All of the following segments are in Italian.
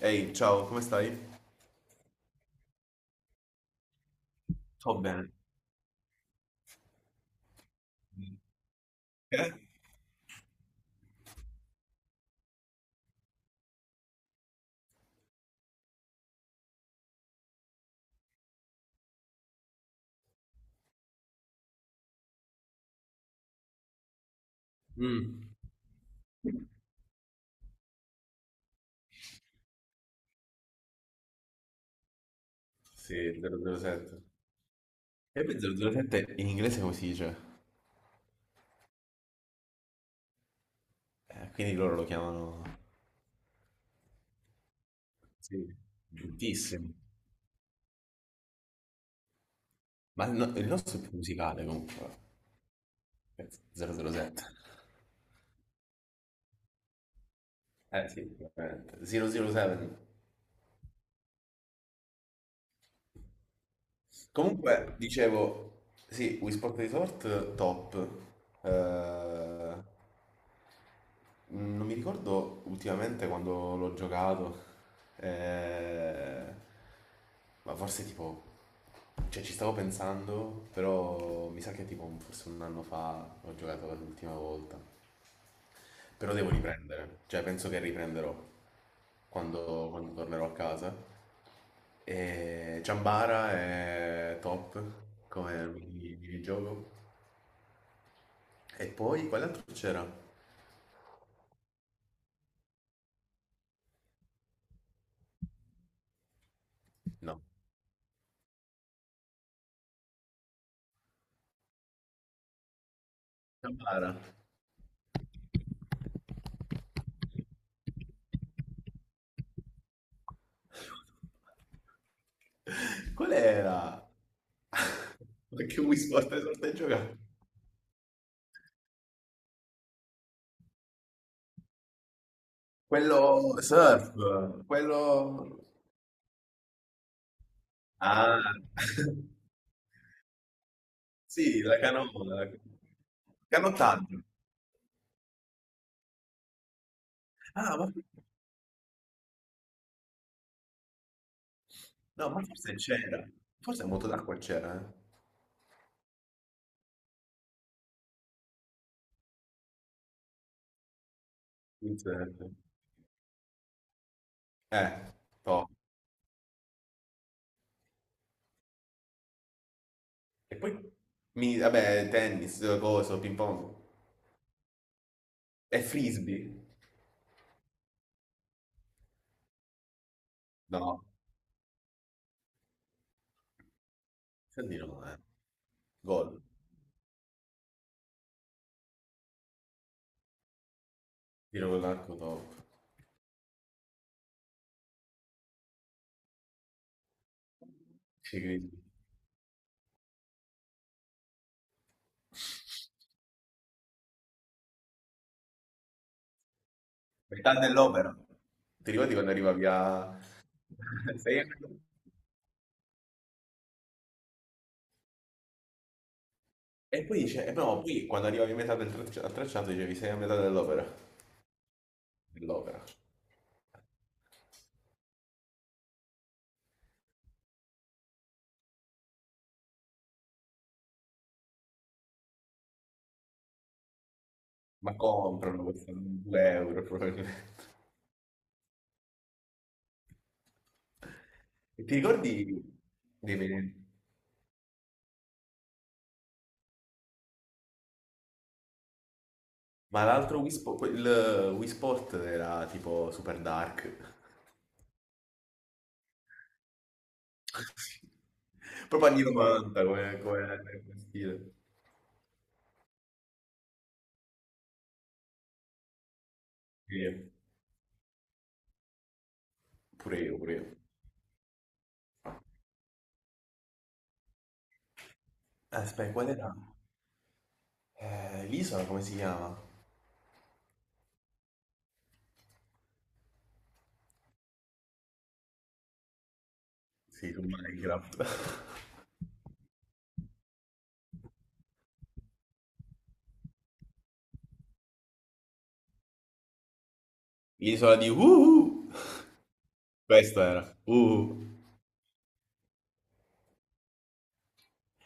Ehi, ciao, come stai? Sto bene. Eh? Mm. Sì, 007. E poi 007 in inglese come si dice? Quindi loro lo chiamano... Sì, giustissimo. Ma il nostro è più musicale comunque. Penso, 007. Eh sì, veramente. 007. Comunque, dicevo, sì, Wii Sport Resort top. Eh, Non mi ricordo ultimamente quando l'ho giocato, eh, ma forse tipo, cioè ci stavo pensando, però mi sa che tipo forse un anno fa ho giocato per l'ultima volta. Però devo riprendere, cioè penso che riprenderò quando, quando tornerò a casa. E Ciambara è top come minigioco. E poi quale altro c'era? No, Ciambara. Qual era? Ma che Wii Sport Resort hai giocato? Quello surf, quello... Ah, sì, la canottaggio. Ah, ma, no, ma forse c'era, forse a moto d'acqua c'era, eh? Windsurf. Eh, top. E poi, vabbè, tennis, coso, ping pong. E frisbee? No, senti no, eh. Gol, tiro con l'arco top. Ci credi. Metà dell'opera. Ti ricordi quando arriva via... Sei a- E poi dice, e no, poi quando arrivavi a metà del al tracciato dicevi sei a metà dell'opera. Dell'opera. Ma comprano questo 2 euro probabilmente. E ti ricordi dei menu? Ma l'altro Wii Sport era tipo super dark. Proprio anni 90 come, come stile. Sì, pure io. Aspetta, qual era? L'isola come si chiama? Sì, su Minecraft. L'isola di Uhu. Questo era. Uhu.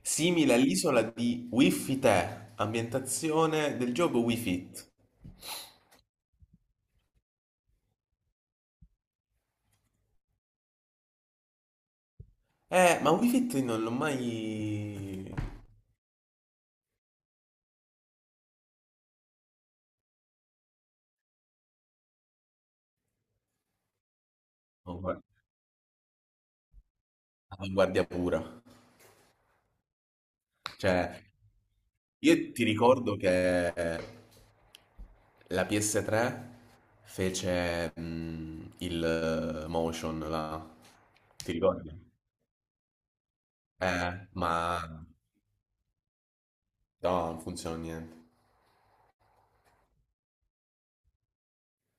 Simile all'isola di Wii Fit, Air, ambientazione del gioco Wii Fit. Ma Wii Fit non l'ho mai... non guard- Avanguardia pura. Cioè, io ti ricordo che la PS3 fece mm, il motion là. Ti ricordi? Eh, ma No, non funziona niente.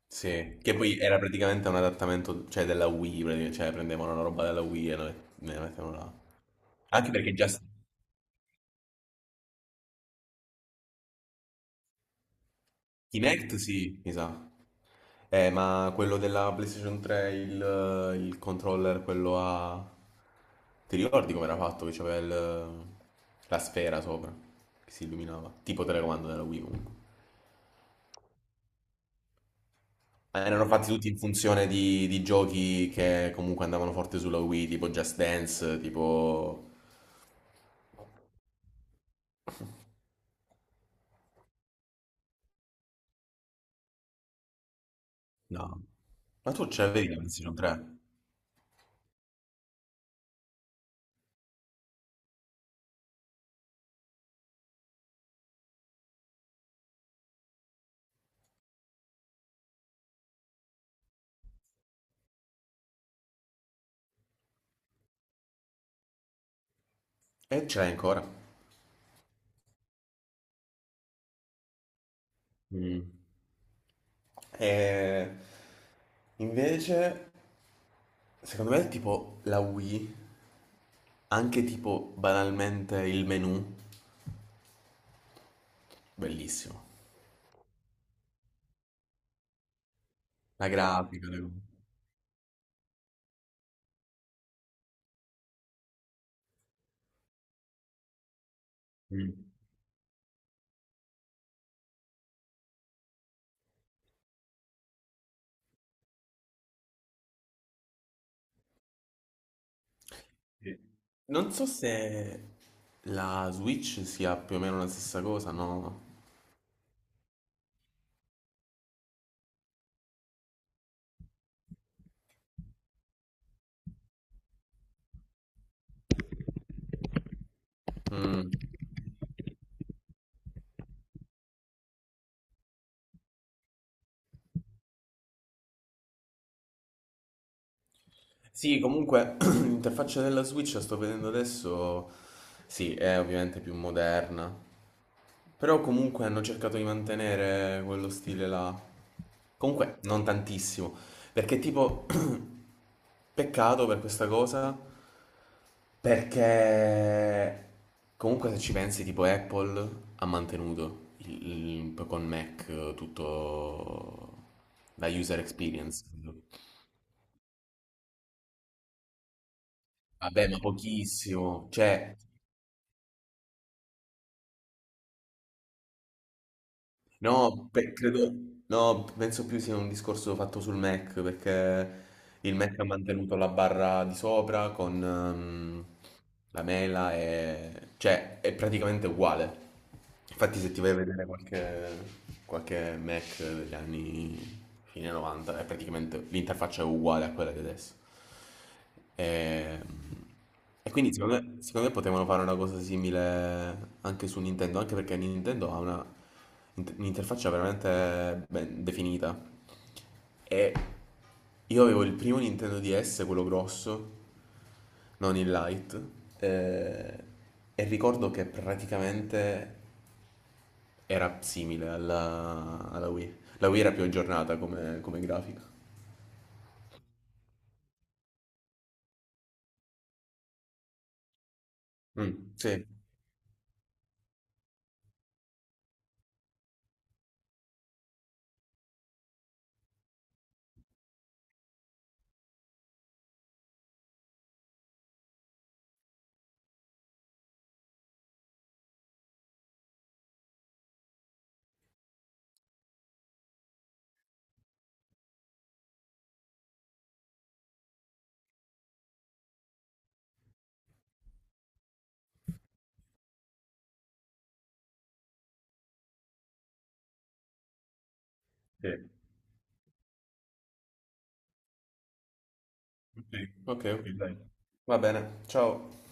Sì, che poi era praticamente un adattamento, cioè della Wii, praticamente, cioè prendevano la roba della Wii e ne mettevano là. Anche perché già s- Kinect sì, mi sa. Ma quello della PlayStation 3, il controller, quello a... Ti ricordi come era fatto? La sfera sopra, che si illuminava. Tipo telecomando della Wii comunque. Ma erano fatti tutti in funzione di giochi che comunque andavano forte sulla Wii, tipo Just Dance, tipo No, ma tu ce l'avevi la PlayStation 3? E ce l'hai ancora? Mm. E invece, secondo me, tipo la Wii, anche tipo banalmente il menu, bellissimo. La grafica, le cose. Mm. Sì. Non so se la Switch sia più o meno la stessa cosa, no? Mm. Sì, comunque l'interfaccia della Switch la sto vedendo adesso, sì, è ovviamente più moderna, però comunque hanno cercato di mantenere quello stile là. Comunque non tantissimo. Perché tipo, peccato per questa cosa, perché comunque se ci pensi tipo Apple ha mantenuto con Mac tutto la user experience. Vabbè, ma pochissimo. Cioè, no, penso più sia un discorso fatto sul Mac, perché il Mac ha mantenuto la barra di sopra con la mela e... cioè è praticamente uguale. Infatti se ti vai a vedere qualche Mac degli anni fine 90 è praticamente l'interfaccia è uguale a quella di adesso. E, quindi secondo me potevano fare una cosa simile anche su Nintendo, anche perché Nintendo ha un'interfaccia veramente ben definita. E io avevo il primo Nintendo DS, quello grosso, non il Lite, eh, e ricordo che praticamente era simile alla Wii. La Wii era più aggiornata come, come grafica. Mm, sì. Ok, ok, dai. Va bene, ciao.